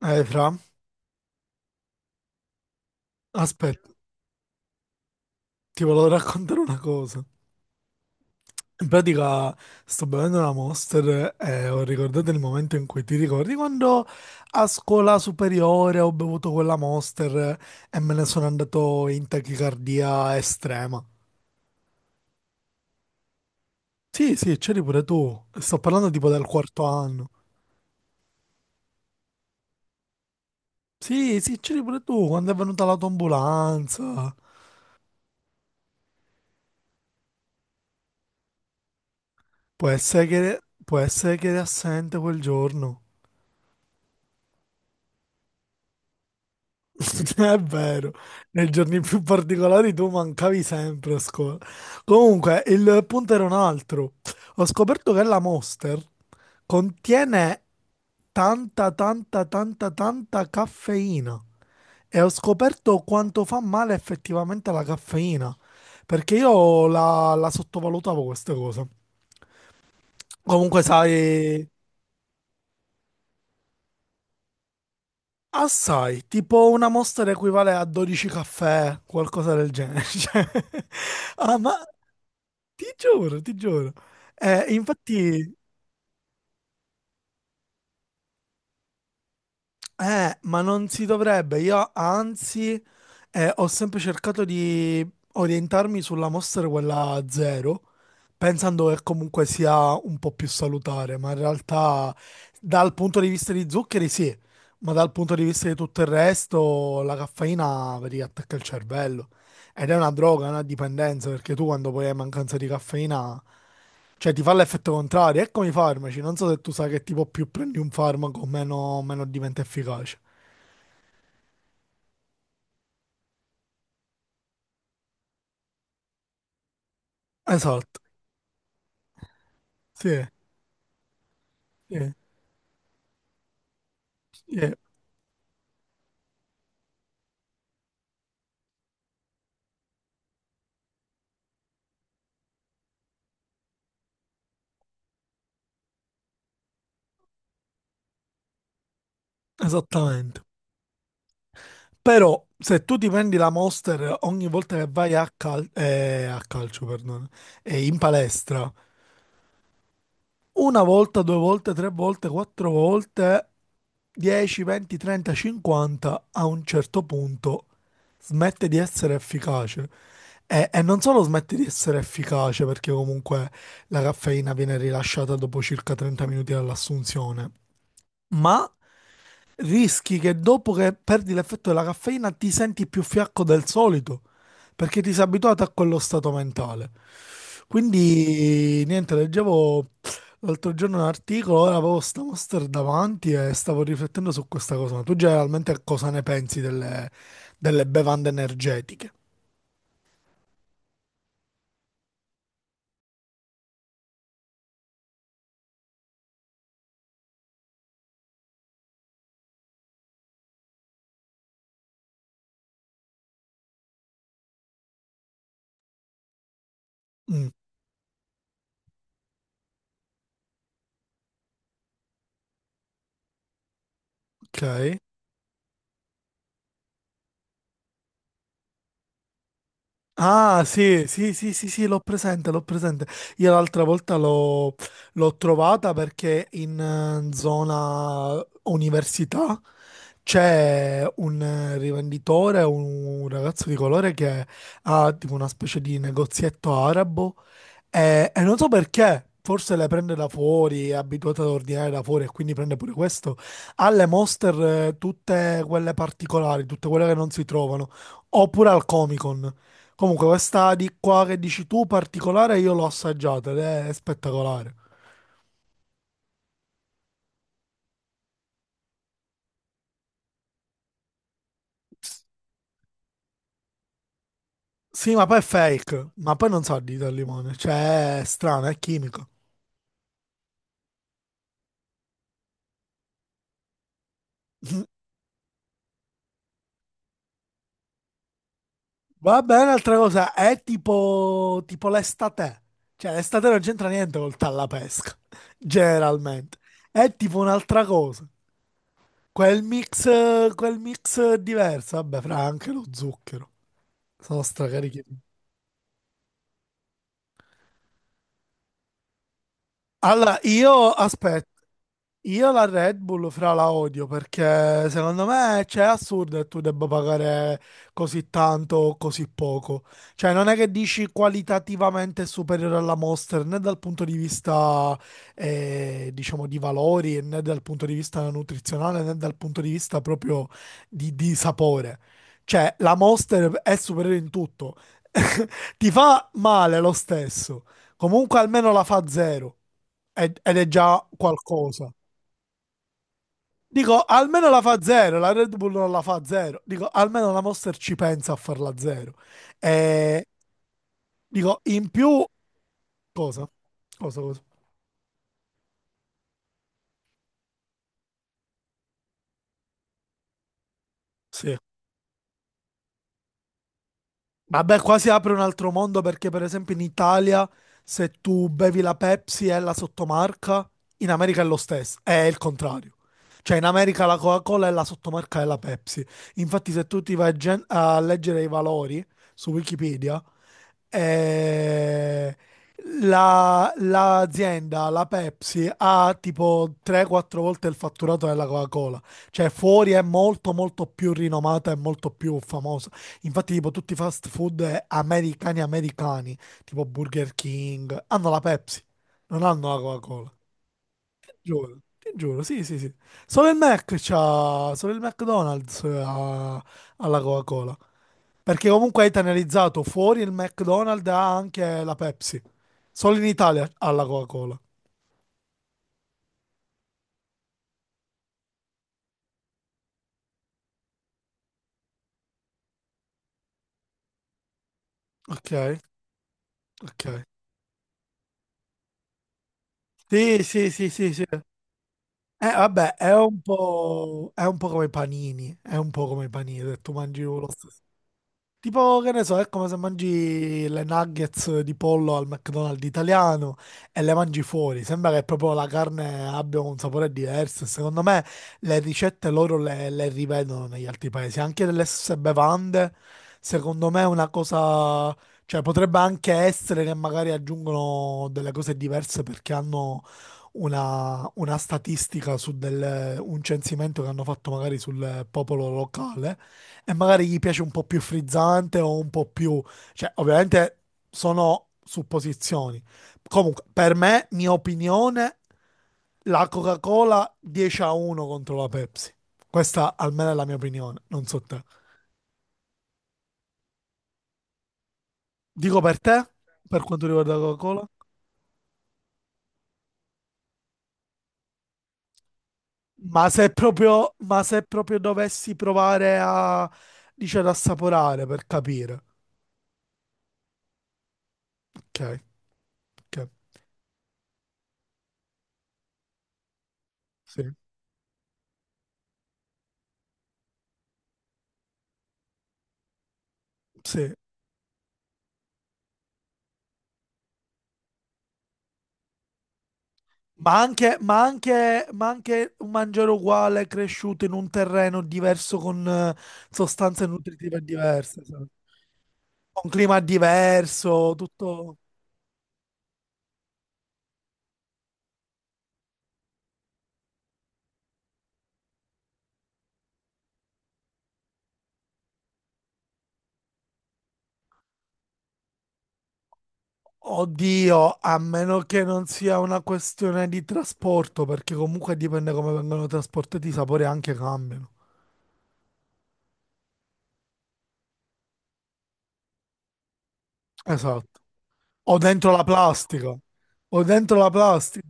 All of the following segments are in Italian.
Fra, aspetta, ti volevo raccontare una cosa. In pratica sto bevendo una Monster e ho ricordato il momento in cui ti ricordi quando a scuola superiore ho bevuto quella Monster e me ne sono andato in tachicardia estrema. Sì, sì, c'eri pure tu. Sto parlando tipo del quarto anno. Sì, sì, c'eri pure tu quando è venuta l'autoambulanza. Può essere che eri assente quel giorno. È vero, nei giorni più particolari tu mancavi sempre a scuola. Comunque, il punto era un altro. Ho scoperto che la Monster contiene tanta, tanta, tanta, tanta caffeina. E ho scoperto quanto fa male effettivamente la caffeina. Perché io la sottovalutavo questa cosa. Comunque, sai, assai, tipo una Monster equivale a 12 caffè, qualcosa del genere. Cioè, ah, ti giuro, ti giuro. Infatti, ma non si dovrebbe. Io, anzi, ho sempre cercato di orientarmi sulla mostra quella zero, pensando che comunque sia un po' più salutare, ma in realtà, dal punto di vista di zuccheri, sì, ma dal punto di vista di tutto il resto, la caffeina vedi, attacca il cervello. Ed è una droga, una dipendenza, perché tu quando poi hai mancanza di caffeina. Cioè, ti fa l'effetto contrario. Ecco i farmaci. Non so se tu sai che tipo più prendi un farmaco, meno diventa efficace. Esatto. Sì, sì, sì, esattamente. Però, se tu ti prendi la Monster ogni volta che vai a, a calcio, perdono, in palestra, una volta, due volte, tre volte, quattro volte, 10, 20, 30, 50, a un certo punto smette di essere efficace. E non solo smette di essere efficace, perché comunque la caffeina viene rilasciata dopo circa 30 minuti dall'assunzione, ma rischi che dopo che perdi l'effetto della caffeina ti senti più fiacco del solito, perché ti sei abituato a quello stato mentale. Quindi, niente, leggevo l'altro giorno un articolo, ora avevo sta Monster davanti e stavo riflettendo su questa cosa. Ma tu generalmente cosa ne pensi delle bevande energetiche? Mm, ok. Ah, sì, sì, sì, sì, sì, l'ho presente, l'ho presente. Io l'altra volta l'ho trovata perché in zona università c'è un rivenditore, un ragazzo di colore che ha tipo una specie di negozietto arabo e non so perché, forse le prende da fuori, è abituato ad ordinare da fuori e quindi prende pure questo. Ha le Monster tutte quelle particolari, tutte quelle che non si trovano, oppure al Comic Con. Comunque questa di qua che dici tu particolare io l'ho assaggiata ed è spettacolare. Sì, ma poi è fake, ma poi non sa di al limone, cioè è strano, è chimico. Va bene, un'altra cosa, è tipo l'estate. Cioè, l'estate non c'entra niente col tallapesca, generalmente. È tipo un'altra cosa. Quel mix, quel mix diverso, vabbè, fra anche lo zucchero. Sono stracarichi. Allora, io aspetto. Io la Red Bull fra la odio perché secondo me cioè, è assurdo che tu debba pagare così tanto o così poco. Cioè non è che dici qualitativamente è superiore alla Monster né dal punto di vista diciamo di valori né dal punto di vista nutrizionale né dal punto di vista proprio di sapore. Cioè la Monster è superiore in tutto. Ti fa male lo stesso. Comunque almeno la fa zero ed è già qualcosa. Dico, almeno la fa zero, la Red Bull non la fa zero. Dico, almeno la Monster ci pensa a farla zero. E dico, in più, cosa? Cosa, cosa? Sì. Vabbè, qua si apre un altro mondo perché, per esempio, in Italia, se tu bevi la Pepsi è la sottomarca, in America è lo stesso, è il contrario. Cioè, in America la Coca-Cola è la sottomarca della Pepsi. Infatti, se tu ti vai a leggere i valori su Wikipedia, eh, l'azienda, la Pepsi, ha tipo 3-4 volte il fatturato della Coca-Cola. Cioè, fuori è molto, molto più rinomata e molto più famosa. Infatti, tipo, tutti i fast food americani, tipo Burger King, hanno la Pepsi, non hanno la Coca-Cola. Giuro, ti giuro, sì, sì, sì. Solo il McDonald's ha la Coca-Cola. Perché comunque hai penalizzato fuori il McDonald's ha anche la Pepsi. Solo in Italia ha la Coca-Cola. Ok, ok. Sì, sì, sì, sì, sì. Vabbè, è un po' come i panini, è un po' come i panini, se tu mangi lo stesso. Tipo, che ne so, è come se mangi le nuggets di pollo al McDonald's italiano e le mangi fuori. Sembra che proprio la carne abbia un sapore diverso. Secondo me le ricette loro le rivedono negli altri paesi. Anche delle stesse bevande, secondo me è una cosa... Cioè, potrebbe anche essere che magari aggiungono delle cose diverse perché hanno una statistica un censimento che hanno fatto magari sul popolo locale e magari gli piace un po' più frizzante o un po' più... cioè ovviamente sono supposizioni. Comunque, per me, mia opinione, la Coca-Cola 10-1 contro la Pepsi. Questa almeno è la mia opinione, non so te. Dico per te, per quanto riguarda la Coca-Cola. Ma se proprio dovessi provare a, dice, ad assaporare per capire. Ok, ok, sì, sì. Ma anche un mangiare uguale cresciuto in un terreno diverso con sostanze nutritive diverse, sì. Con clima diverso, tutto... Oddio, a meno che non sia una questione di trasporto, perché comunque dipende come vengono trasportati, i sapori anche cambiano. Esatto. O dentro la plastica. O dentro la plastica.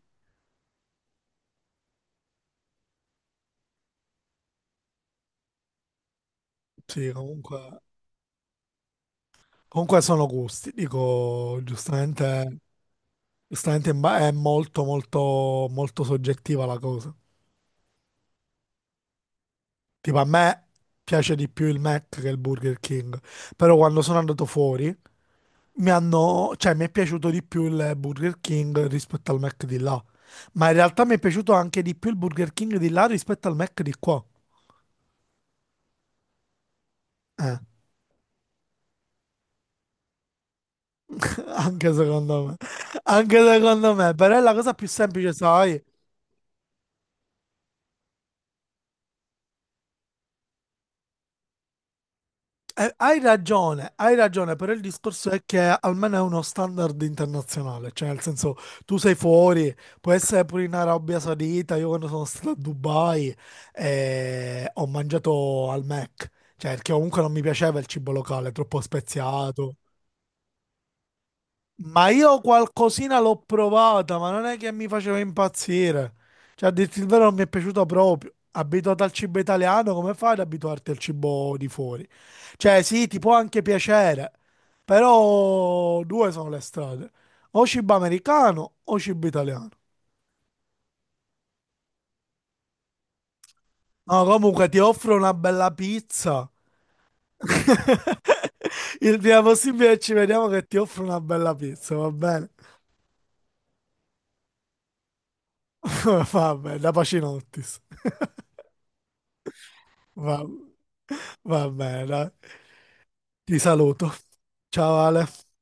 Sì, comunque sono gusti. Dico, giustamente... Giustamente è molto molto molto soggettiva la cosa. Tipo a me piace di più il Mac che il Burger King, però quando sono andato fuori cioè mi è piaciuto di più il Burger King rispetto al Mac di là. Ma in realtà mi è piaciuto anche di più il Burger King di là rispetto al Mac di qua. Eh, anche secondo me. Anche secondo me, però è la cosa più semplice, sai? Hai ragione, hai ragione, però il discorso è che almeno è uno standard internazionale, cioè nel senso tu sei fuori, può essere pure in Arabia Saudita, io quando sono stato a Dubai ho mangiato al Mac, cioè perché comunque non mi piaceva il cibo locale, troppo speziato. Ma io qualcosina l'ho provata, ma non è che mi faceva impazzire. Cioè, a dirti il vero, non mi è piaciuto proprio. Abituato al cibo italiano, come fai ad abituarti al cibo di fuori? Cioè, sì, ti può anche piacere, però due sono le strade. O cibo americano o cibo italiano. No, comunque ti offro una bella pizza. Il prima possibile ci vediamo che ti offro una bella pizza, va bene? Vabbè, da Pacinottis. Va Va bene, dai. Ti saluto. Ciao Ale.